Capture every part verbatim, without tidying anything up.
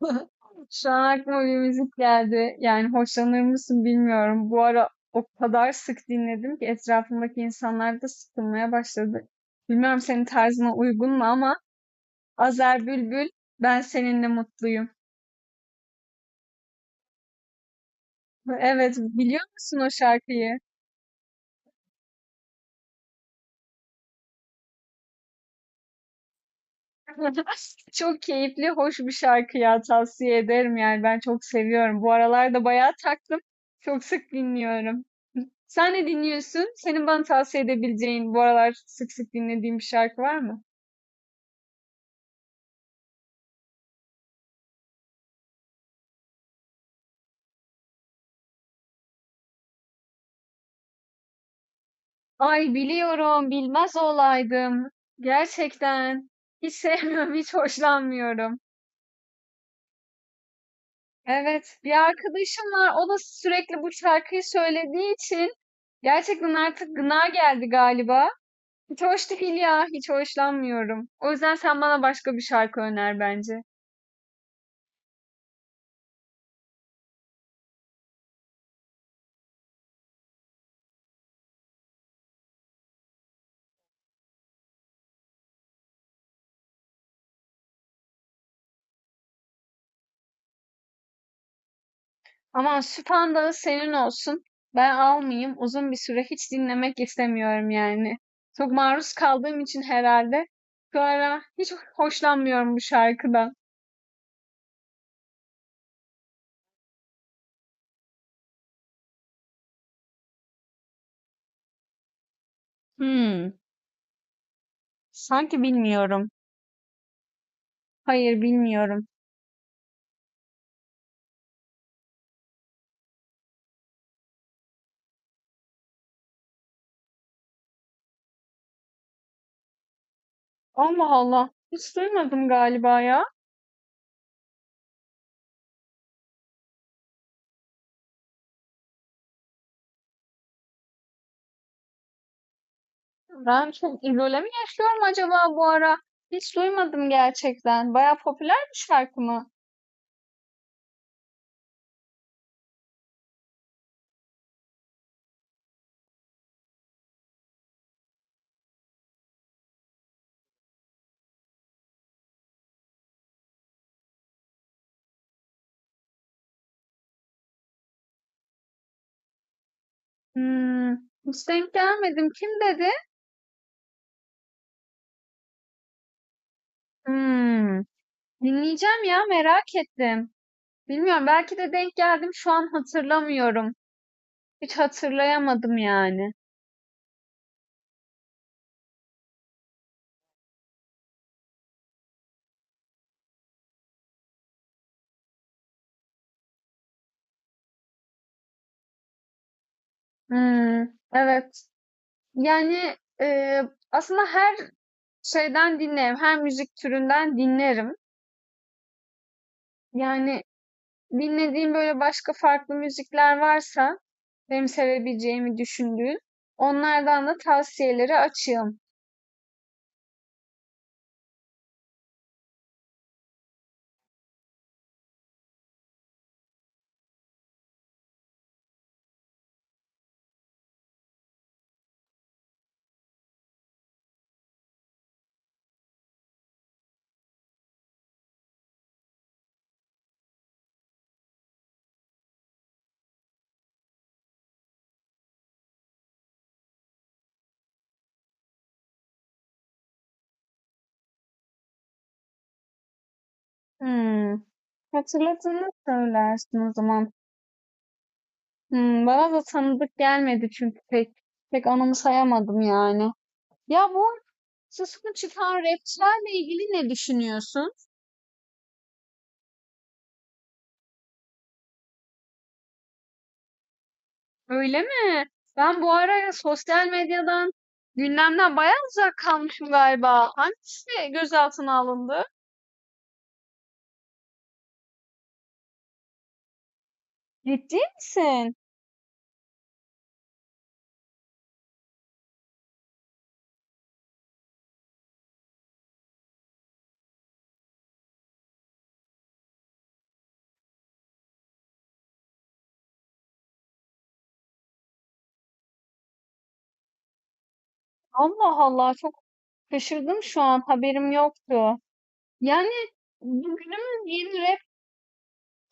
Şu an aklıma bir müzik geldi. Yani hoşlanır mısın bilmiyorum. Bu ara o kadar sık dinledim ki etrafımdaki insanlar da sıkılmaya başladı. Bilmiyorum senin tarzına uygun mu ama Azer Bülbül Ben Seninle Mutluyum. Evet biliyor musun o şarkıyı? Çok keyifli, hoş bir şarkı ya tavsiye ederim yani ben çok seviyorum. Bu aralar da bayağı taktım. Çok sık dinliyorum. Sen ne dinliyorsun? Senin bana tavsiye edebileceğin bu aralar sık sık dinlediğin bir şarkı var mı? Ay biliyorum, bilmez olaydım. Gerçekten. Hiç sevmiyorum, hiç hoşlanmıyorum. Evet, bir arkadaşım var. O da sürekli bu şarkıyı söylediği için gerçekten artık gına geldi galiba. Hiç hoş değil ya, hiç hoşlanmıyorum. O yüzden sen bana başka bir şarkı öner bence. Aman Süphandağı senin olsun. Ben almayayım. Uzun bir süre hiç dinlemek istemiyorum yani. Çok maruz kaldığım için herhalde şu ara hiç hoşlanmıyorum bu şarkıdan. Hmm, sanki bilmiyorum. Hayır bilmiyorum. Allah Allah. Hiç duymadım galiba ya. Ben çok izole mi yaşıyorum acaba bu ara? Hiç duymadım gerçekten. Baya popüler bir şarkı mı? Hmm, hiç denk gelmedim. Kim dedi? Hmm, dinleyeceğim ya merak ettim. Bilmiyorum belki de denk geldim şu an hatırlamıyorum. Hiç hatırlayamadım yani. Hmm, evet. Yani e, aslında her şeyden dinlerim. Her müzik türünden dinlerim. Yani dinlediğim böyle başka farklı müzikler varsa benim sevebileceğimi düşündüğün onlardan da tavsiyeleri açığım. Hmm. Hatırladığını söylersin o zaman. Hmm, bana da tanıdık gelmedi çünkü pek pek anımsayamadım yani. Ya bu sesini çıkan rapçilerle ilgili ne düşünüyorsun? Öyle mi? Ben bu ara sosyal medyadan, gündemden bayağı uzak kalmışım galiba. Hangisi gözaltına alındı? Ciddi misin? Allah Allah, çok şaşırdım, şu an haberim yoktu. Yani bu günümüz yeni rap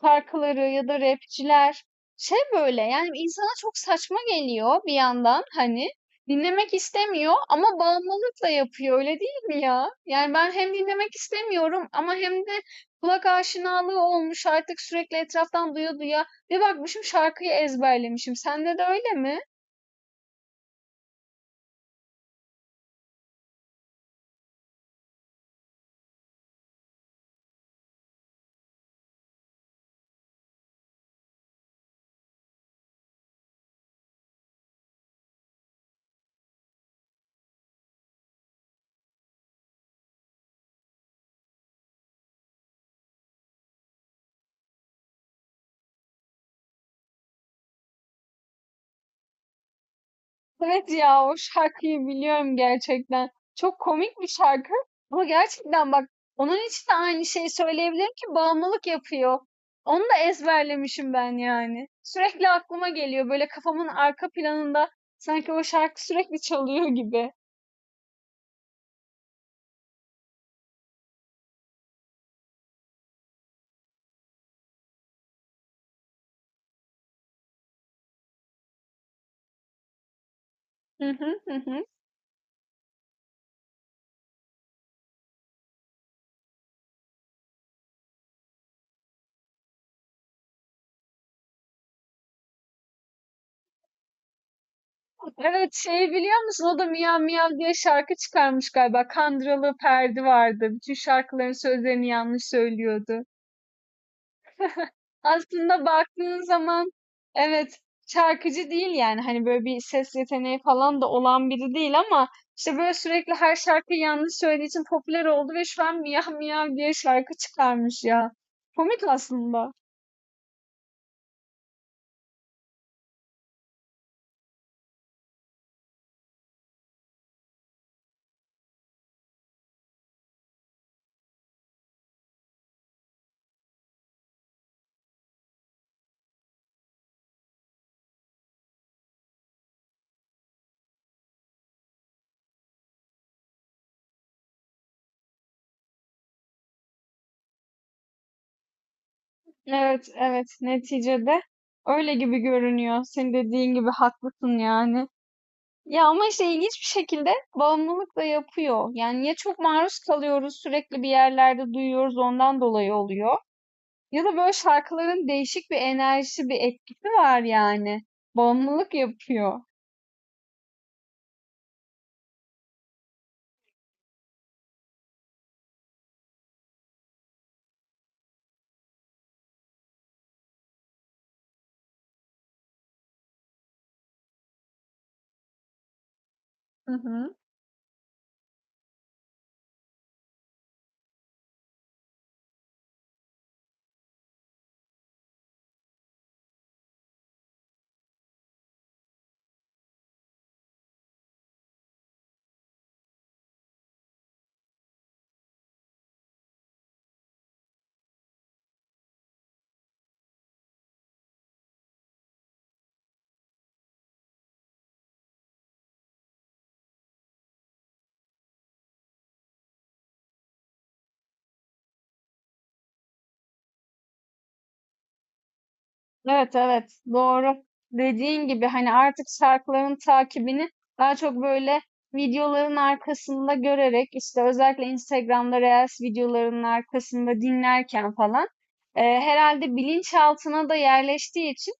şarkıları ya da rapçiler şey böyle yani insana çok saçma geliyor bir yandan hani dinlemek istemiyor ama bağımlılıkla yapıyor öyle değil mi ya? Yani ben hem dinlemek istemiyorum ama hem de kulak aşinalığı olmuş artık sürekli etraftan duya duya bir bakmışım şarkıyı ezberlemişim. Sende de öyle mi? Evet ya o şarkıyı biliyorum gerçekten. Çok komik bir şarkı ama gerçekten bak onun için de aynı şeyi söyleyebilirim ki bağımlılık yapıyor. Onu da ezberlemişim ben yani. Sürekli aklıma geliyor böyle kafamın arka planında sanki o şarkı sürekli çalıyor gibi. Hı hı, hı hı. Evet, şeyi biliyor musun? O da Miyav Miyav diye şarkı çıkarmış galiba. Kandıralı Perdi vardı. Bütün şarkıların sözlerini yanlış söylüyordu. Aslında baktığın zaman evet, şarkıcı değil yani hani böyle bir ses yeteneği falan da olan biri değil ama işte böyle sürekli her şarkıyı yanlış söylediği için popüler oldu ve şu an miyav miyav diye şarkı çıkarmış ya. Komik aslında. Evet evet, neticede öyle gibi görünüyor. Senin dediğin gibi haklısın yani. Ya ama işte ilginç bir şekilde bağımlılık da yapıyor. Yani ya çok maruz kalıyoruz sürekli bir yerlerde duyuyoruz ondan dolayı oluyor. Ya da böyle şarkıların değişik bir enerjisi, bir etkisi var yani. Bağımlılık yapıyor. Hı hı. Evet evet, doğru. Dediğin gibi hani artık şarkıların takibini daha çok böyle videoların arkasında görerek işte özellikle Instagram'da Reels videolarının arkasında dinlerken falan, e, herhalde bilinçaltına da yerleştiği için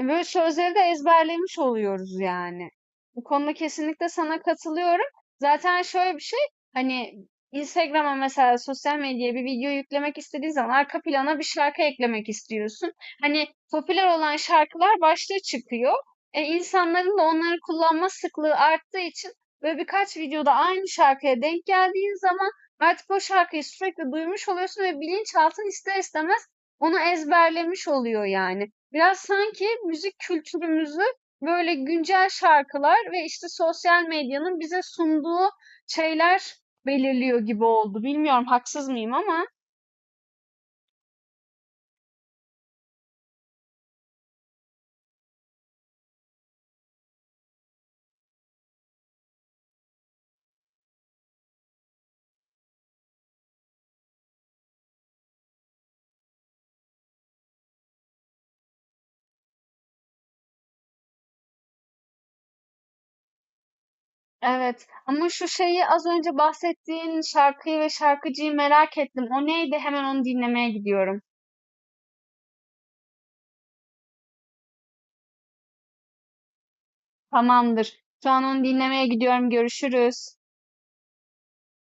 E, böyle sözleri de ezberlemiş oluyoruz yani. Bu konuda kesinlikle sana katılıyorum. Zaten şöyle bir şey, hani Instagram'a mesela sosyal medyaya bir video yüklemek istediğin zaman arka plana bir şarkı eklemek istiyorsun. Hani popüler olan şarkılar başta çıkıyor. E, insanların da onları kullanma sıklığı arttığı için böyle birkaç videoda aynı şarkıya denk geldiğin zaman artık o şarkıyı sürekli duymuş oluyorsun ve bilinçaltın ister istemez onu ezberlemiş oluyor yani. Biraz sanki müzik kültürümüzü böyle güncel şarkılar ve işte sosyal medyanın bize sunduğu şeyler belirliyor gibi oldu. Bilmiyorum haksız mıyım ama evet. Ama şu şeyi, az önce bahsettiğin şarkıyı ve şarkıcıyı merak ettim. O neydi? Hemen onu dinlemeye gidiyorum. Tamamdır. Şu an onu dinlemeye gidiyorum. Görüşürüz.